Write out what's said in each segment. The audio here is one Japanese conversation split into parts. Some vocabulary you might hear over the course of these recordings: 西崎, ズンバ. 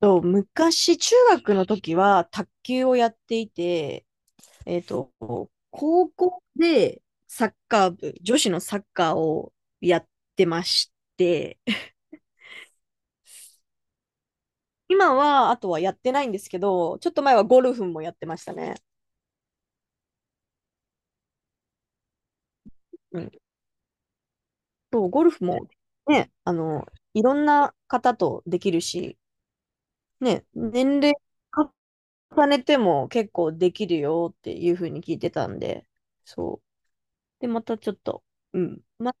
昔、中学の時は卓球をやっていて、えっと、高校でサッカー部、女子のサッカーをやってまして、今は、あとはやってないんですけど、ちょっと前はゴルフもやってましたね。うん。そう、ゴルフもね、いろんな方とできるし、ね、年齢重ねても結構できるよっていうふうに聞いてたんで、そう。で、またちょっと、うん。ま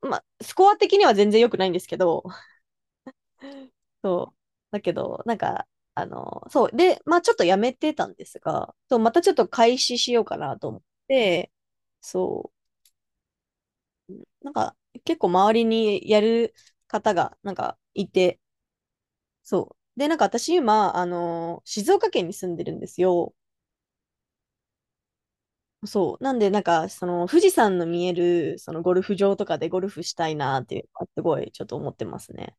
まあ、スコア的には全然良くないんですけど、そう。だけど、なんか、そう。で、まあちょっとやめてたんですが、そう、またちょっと開始しようかなと思って、そう。なんか、結構周りにやる方が、なんか、いて、そう。で、なんか私今、静岡県に住んでるんですよ。そう。なんで、なんか、その、富士山の見える、その、ゴルフ場とかでゴルフしたいなっていうのは、すごい、ちょっと思ってますね。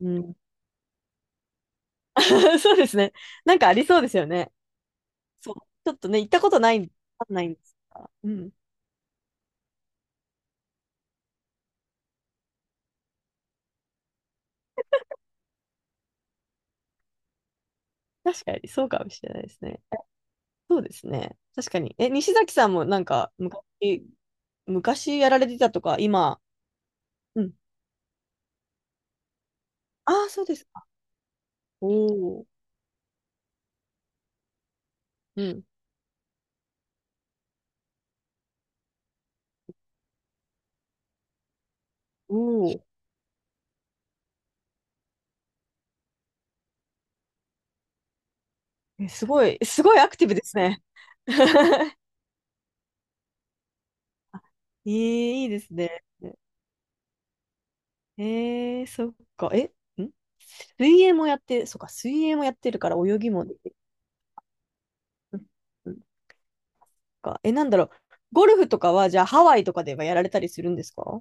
うん。そうですね。なんかありそうですよね。そう。ちょっとね、行ったことないんで、わかんないんですが。うん。確かに、そうかもしれないですね。そうですね。確かに。え、西崎さんもなんか、昔やられてたとか、今、うん。ああ、そうですか。おお。うん。おお。え、すごい、すごいアクティブですね。えー、いいですね。そっか。え、ん水泳もやって、そっか、水泳もやってるから泳ぎもできる。うんか。え、なんだろう。ゴルフとかは、じゃあハワイとかではやられたりするんですか？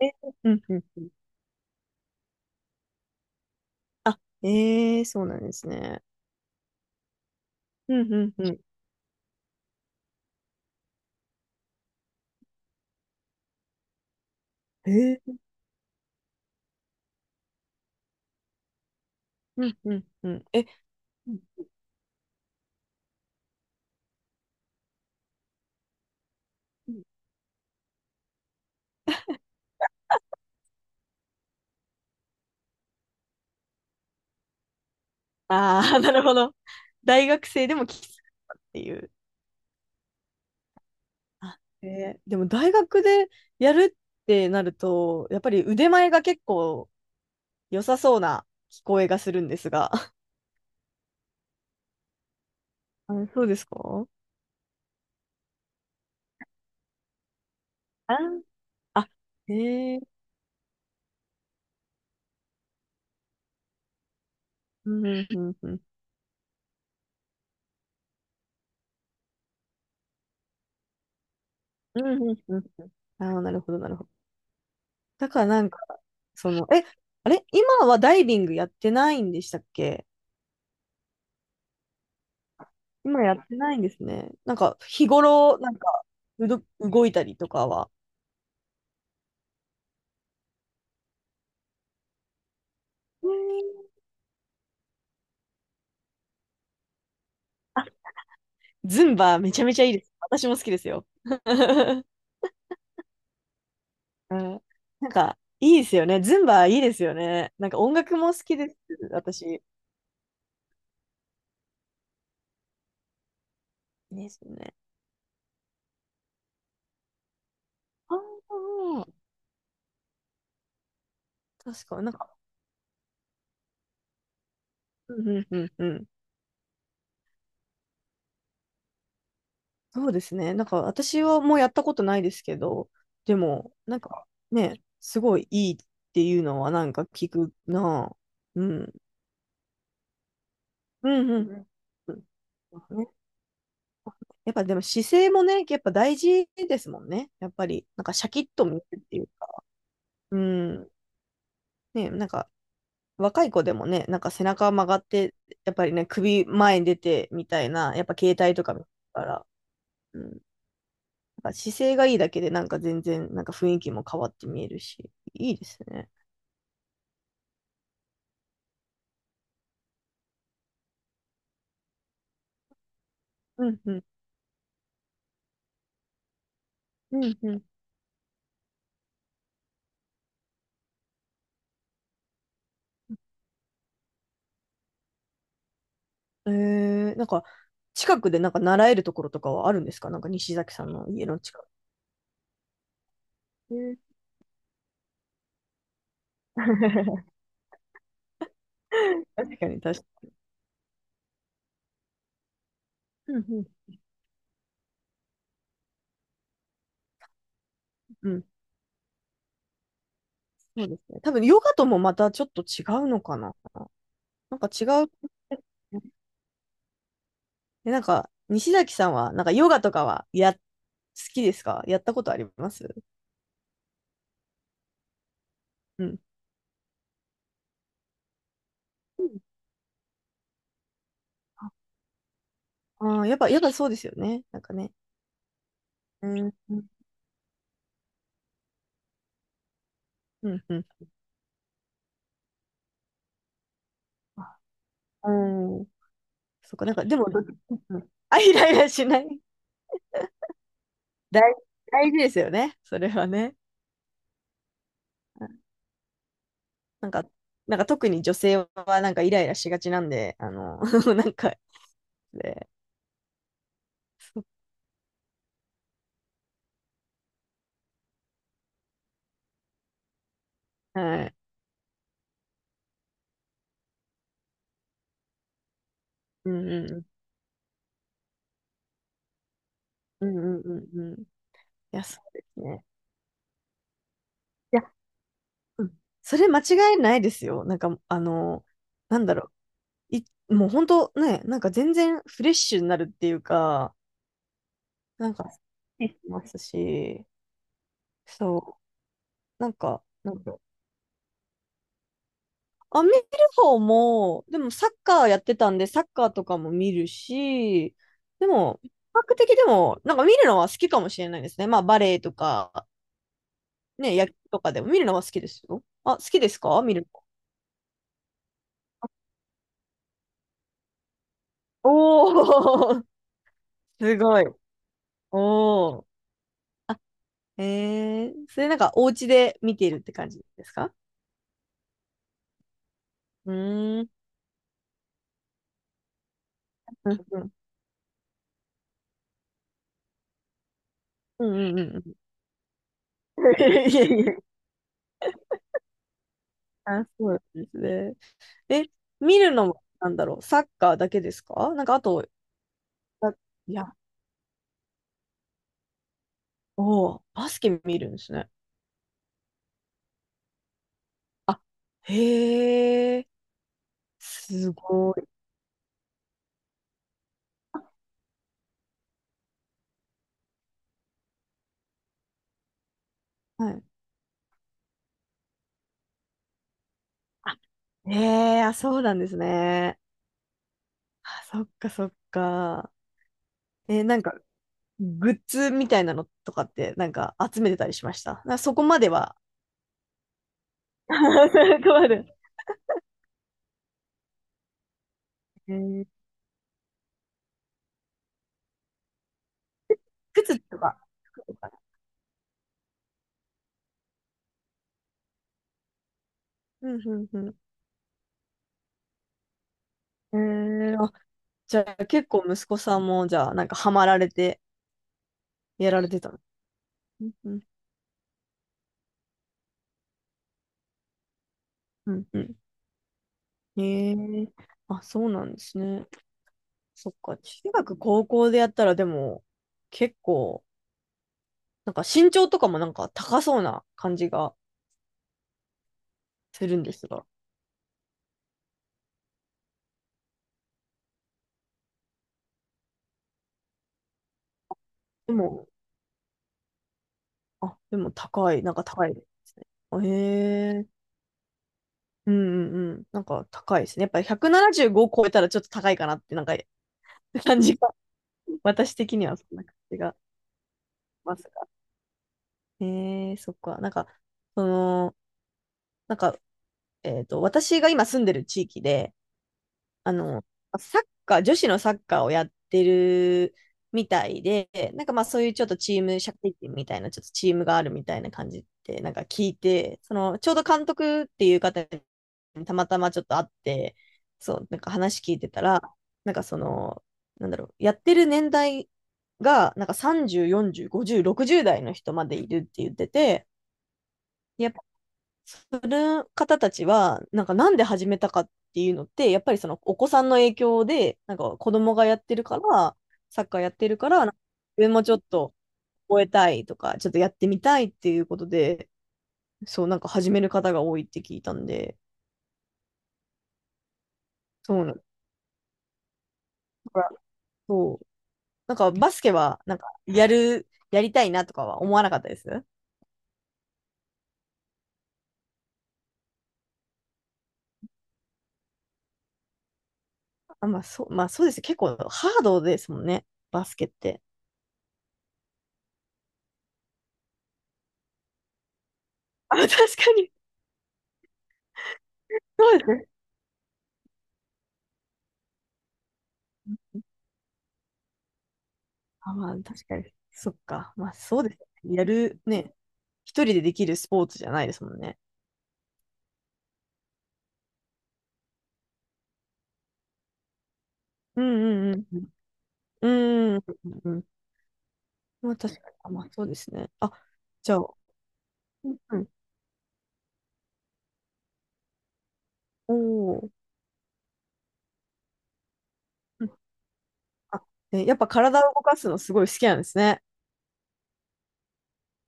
えーうんうんうん。えー、そうなんですね。うんうんうん。えー、うんうんうん。え、うんうんああ、なるほど。大学生でもきつくっていう。あ、でも大学でやるってなると、やっぱり腕前が結構良さそうな聞こえがするんですが。あ、そうですか？ああ、えー、うんうんうんうん。うんうんうんうん。ああ、なるほど、なるほど。だからなんか、その、あれ今はダイビングやってないんでしたっけ？今やってないんですね。なんか、日頃、なんか、動いたりとかは。へーズンバめちゃめちゃいいです。私も好きですよ。うん、なんか、いいですよね。ズンバいいですよね。なんか音楽も好きです。私。いいですよね。ああ、確かになんか、うんうんうんうん。そうですね。なんか私はもうやったことないですけど、でも、なんかね、すごいいいっていうのはなんか聞くなぁ。うん。うんうんうん。うんね、やっぱでも姿勢もね、やっぱ大事ですもんね。やっぱり、なんかシャキッと見えるっていうか。うん。ね、なんか若い子でもね、なんか背中曲がって、やっぱりね、首前に出てみたいな、やっぱ携帯とか見るから。なんか姿勢がいいだけでなんか全然なんか雰囲気も変わって見えるし、いいですね。うんうん。うんうん。なんか近くでなんか習えるところとかはあるんですか？なんか西崎さんの家の近く。えー 確かに確かに。うんうんうん。そうですね。多分ヨガともまたちょっと違うのかな？なんか違う。で、なんか西崎さんはなんかヨガとかは好きですか？やったことあります？うん。うんああー、やっぱそうですよね。なんかね。うん、うん、うん、うん。うん。そっか、なんか、でも、あ、イライラしない。大、大事ですよね。それはね。あなんか、なんか特に女性はなんかイライラしがちなんで、なんか、で、はい。うんうんうんうんうんうんうん。いや、そうですね。いや、うん。それ間違いないですよ。なんか、なんだろう。もう本当ね、なんか全然フレッシュになるっていうか、なんか、ますし、そう、なんか、見る方も、でもサッカーやってたんで、サッカーとかも見るし、でも、比較的でも、なんか見るのは好きかもしれないですね。まあ、バレエとか、ね、野球とかでも見るのは好きですよ。あ、好きですか？見るの。おー、すごい。おー。えそれなんかお家で見ているって感じですか？うーん。うんうんうんうん いやいや。あ、そうなんですね。え、見るのも、なんだろう、サッカーだけですか？なんかあと、あいや、おーバスケ見るんですね。あ、へえ、すごい。はい。あ、へえ、あ、そうなんですね。あ、そっかそっか。なんか、グッズみたいなのとかって、なんか集めてたりしましたな？そこまでは。そこまで。えー靴とか、服とか。うん、うん、うん。あ、じゃあ結構息子さんも、じゃあ、なんかハマられて、やられてたの。うん、うん、うん。うんへえ、あ、そうなんですね。そっか、中学、高校でやったらでも、結構、なんか身長とかもなんか高そうな感じがするんですが。でも、あ、でも高い、なんか高いですね。へえ、うんうんうん、なんか高いですね。やっぱり175超えたらちょっと高いかなって、なんか 感じが、私的にはそんな感じがしますが。へえ、そっか、なんか、その、なんか、私が今住んでる地域で、あの、サッカー、女子のサッカーをやってるみたいで、なんかまあそういうちょっとチーム、社会人みたいな、ちょっとチームがあるみたいな感じってなんか聞いて、その、ちょうど監督っていう方にたまたまちょっと会って、そう、なんか話聞いてたら、なんかその、なんだろう、やってる年代が、なんか30、40、50、60代の人までいるって言ってて、やっする方たちは、なんかなんで始めたかっていうのって、やっぱりそのお子さんの影響で、なんか子供がやってるから、サッカーやってるから、自分もちょっと覚えたいとか、ちょっとやってみたいっていうことで、そう、なんか始める方が多いって聞いたんで、そうなんだからそう。なんかバスケは、なんかやりたいなとかは思わなかったです。あ、まあそう、まあそうです。結構ハードですもんね、バスケって。あ、確かに。そうですね。あ、まあ、確かに。そっか。まあ、そうですね。やる、ね、一人でできるスポーツじゃないですもんね。うんうんうん。うん。うんうんうん。まあ、確かに。あまあ、そうですね。あ、じゃあ、うんうん。おーうんあ、ねやっぱ体を動かすのすごい好きなんですね。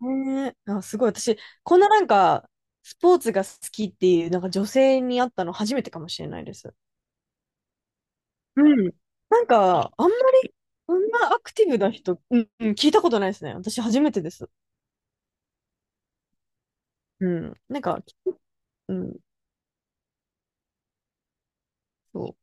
ねえ。あ、すごい。私、こんななんか、スポーツが好きっていう、なんか女性に会ったの初めてかもしれないです。うん。なんか、あんまり、こんなアクティブな人、うん、うん、聞いたことないですね。私初めてです。うん。なんか、うん、そう。